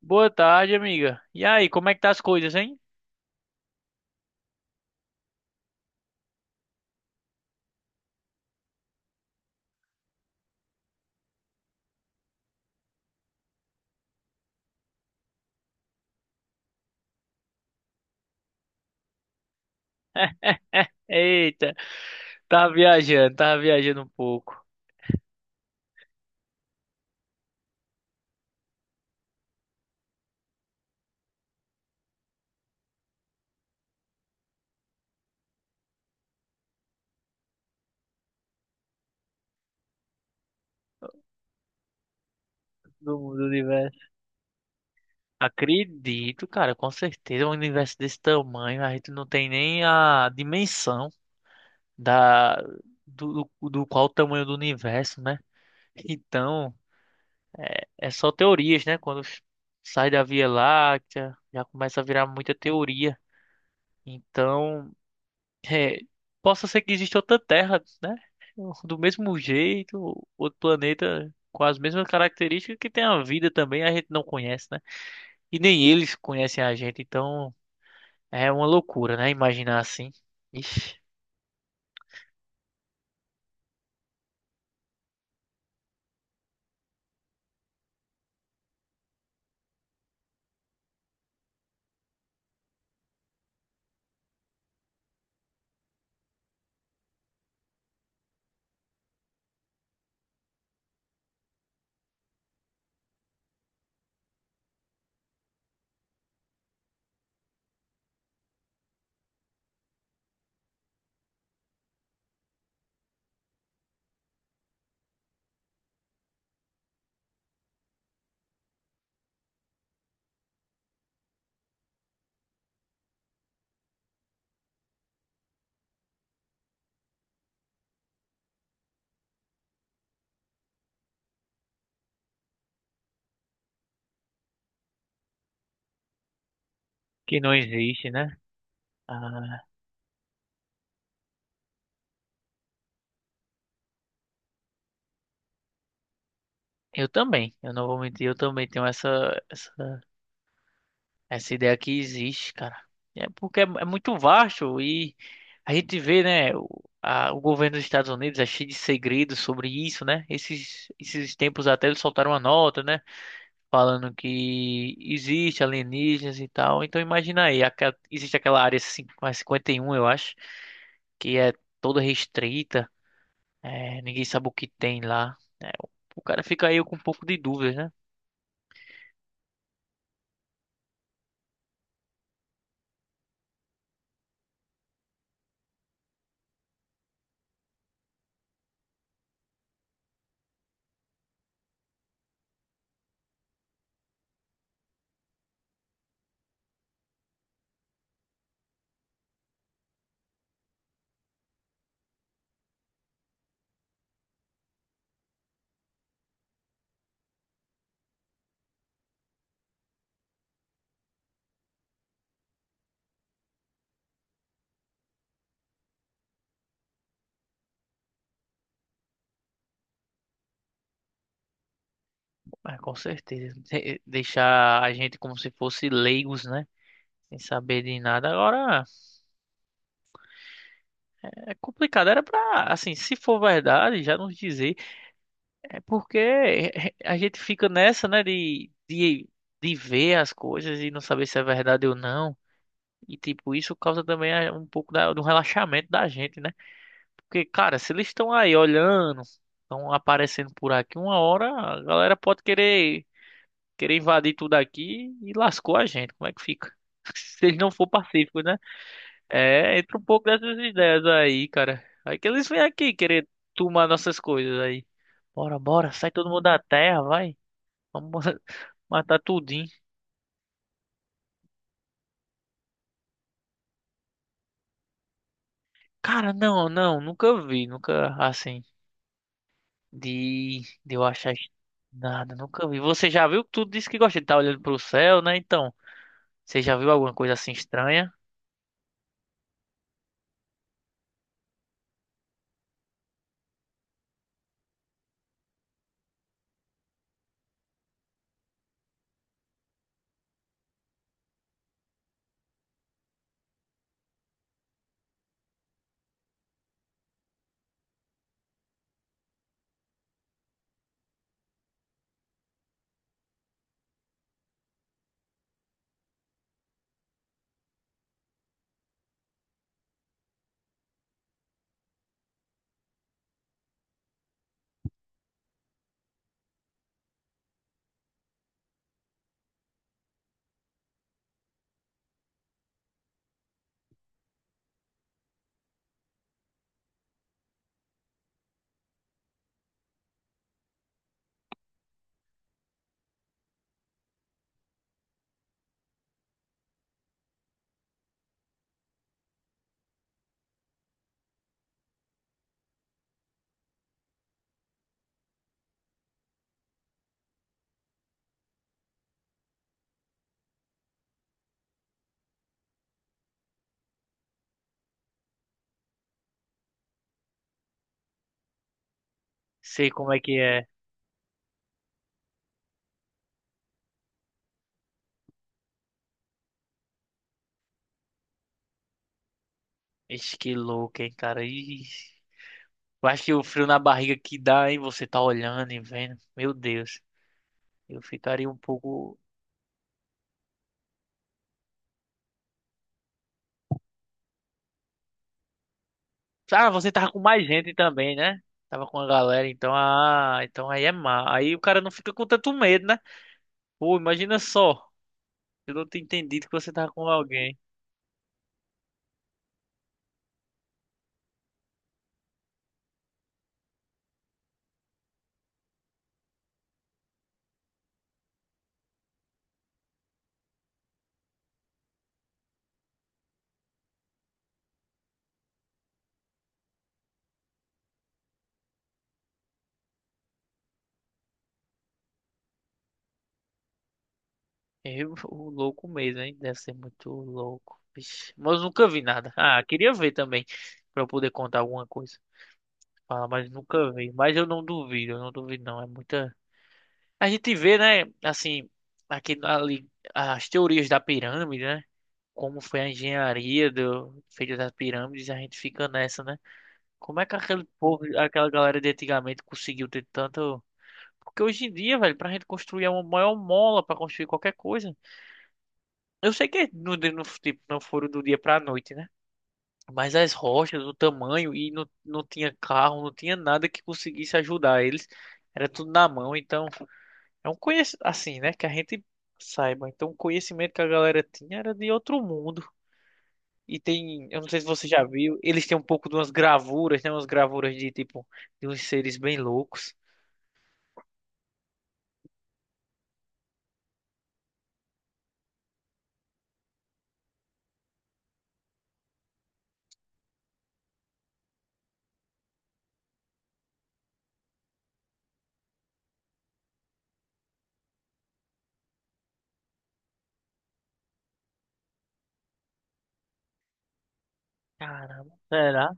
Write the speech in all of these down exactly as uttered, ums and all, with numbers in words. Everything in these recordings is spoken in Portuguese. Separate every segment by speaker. Speaker 1: Boa tarde, amiga. E aí, como é que tá as coisas, hein? Eita, tava viajando, tava viajando um pouco do mundo do universo. Acredito, cara, com certeza. Um universo desse tamanho, a gente não tem nem a dimensão da do, do, do qual o tamanho do universo, né? Então, é só teorias, né? Quando sai da Via Láctea, já começa a virar muita teoria. Então, É, Possa ser que exista outra Terra, né? Do mesmo jeito, outro planeta com as mesmas características, que tem a vida também, a gente não conhece, né? E nem eles conhecem a gente, então é uma loucura, né? Imaginar assim. Ixi, que não existe, né? Ah, eu também, eu não vou mentir, eu também tenho essa, essa essa ideia aqui. Existe, cara. É porque é, é muito vasto, e a gente vê, né? O, a- o governo dos Estados Unidos é cheio de segredos sobre isso, né? Esses, esses tempos até eles soltaram uma nota, né, falando que existe alienígenas e tal. Então imagina aí, aqua- existe aquela área cin- a cinquenta e um, eu acho, que é toda restrita. É, ninguém sabe o que tem lá, né? o, o cara fica aí com um pouco de dúvidas, né? Mas com certeza. de- Deixar a gente como se fosse leigos, né? Sem saber de nada. Agora, é complicado. Era pra, assim, se for verdade, já nos dizer. É porque é, é, a gente fica nessa, né, de, de, de ver as coisas e não saber se é verdade ou não. E, tipo, isso causa também eh, um pouco da- do relaxamento da gente, né? Porque, cara, se eles estão aí olhando, estão aparecendo por aqui, uma hora a galera pode querer, querer invadir tudo aqui e lascou a gente. Como é que fica? Se eles não for pacíficos, né? É, entra um pouco dessas ideias aí, cara. Aí que eles vêm aqui querer tomar nossas coisas aí. Bora, bora, sai todo mundo da terra, vai. Vamos ma- matar tudinho. Cara, não, não, nunca vi, nunca assim. De, de eu achar isso- nada, nunca vi. Você já viu? Tu disse que gosta de estar olhando pro céu, né? Então, você já viu alguma coisa assim estranha? Sei como é que é. Ixi, que louco, hein, cara. Ixi. Eu acho que o frio na barriga que dá, hein? Você tá olhando e vendo. Meu Deus. Eu ficaria um pouco. Ah, você tava com mais gente também, né? Tava com a galera, então, ah, então aí é má. Aí o cara não fica com tanto medo, né? Pô, imagina só. Eu não tinha entendido que você tava com alguém. Eu, o louco mesmo, hein? Deve ser muito louco. Vixe. Mas eu nunca vi nada. Ah, queria ver também. Pra eu poder contar alguma coisa. Fala mas nunca vi. Mas eu não duvido, eu não duvido, não. É muita. A gente vê, né? Assim, aqui ali, as teorias da pirâmide, né? Como foi a engenharia do feita das pirâmides, a gente fica nessa, né? Como é que aquele povo, aquela galera de antigamente conseguiu ter tanto? Porque hoje em dia, velho, pra gente construir é uma maior mola pra construir qualquer coisa. Eu sei que no, no, tipo, não foram do dia pra noite, né? Mas as rochas, o tamanho, e não, não tinha carro, não tinha nada que conseguisse ajudar eles. Era tudo na mão, então é um conhecimento assim, né? Que a gente saiba. Então o conhecimento que a galera tinha era de outro mundo. E tem, eu não sei se você já viu, eles têm um pouco de umas gravuras, né? Umas gravuras de tipo, de uns seres bem loucos. Caramba, será?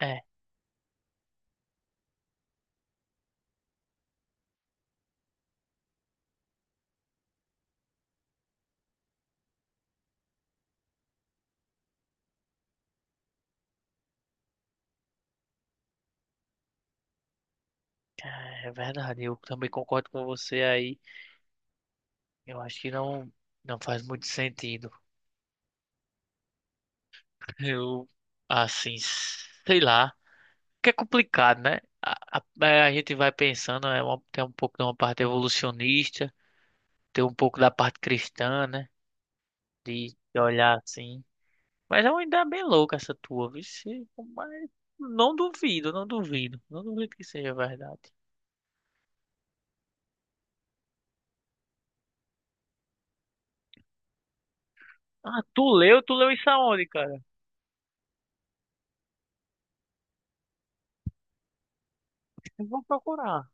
Speaker 1: É, é verdade, eu também concordo com você aí. Eu acho que não, não faz muito sentido. Eu, assim, sei lá. Que é complicado, né? A, a, é, a gente vai pensando, é uma- tem um pouco de uma parte evolucionista, tem um pouco da parte cristã, né? De, de olhar assim. Mas é uma ideia bem louca essa tua, vixe. Mas não duvido, não duvido. Não duvido que seja verdade. Ah, tu leu? Tu leu isso aonde, cara? Eu vou procurar.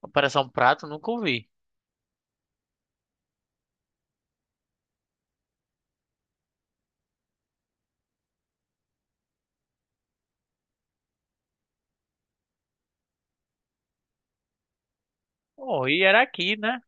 Speaker 1: Operação Prato, nunca ouvi. Oh, e era aqui, né?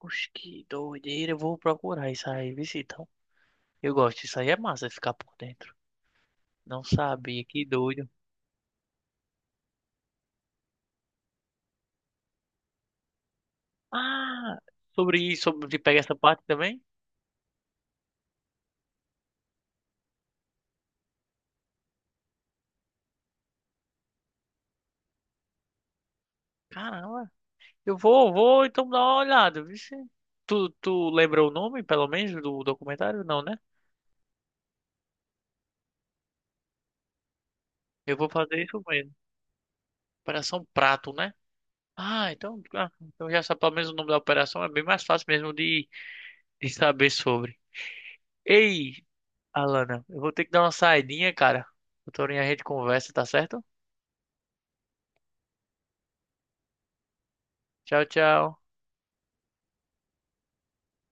Speaker 1: Oxe, que doideira. Eu vou procurar isso aí, vixe, então. Eu gosto, isso aí é massa, ficar por dentro. Não sabia, que doido. Ah, sobre isso, sobre te pegar essa parte também? Caramba. Eu vou, vou, então, dar uma olhada, vixe. Tu, tu lembra o nome, pelo menos, do documentário? Não, né? Eu vou fazer isso mesmo. Operação Prato, né? Ah, então, ah, então já sabe pelo menos o nome da operação, é bem mais fácil mesmo de, de saber sobre. Ei, Alana, eu vou ter que dar uma saidinha, cara. Doutorinha, a gente conversa, tá certo? Tchau, tchau.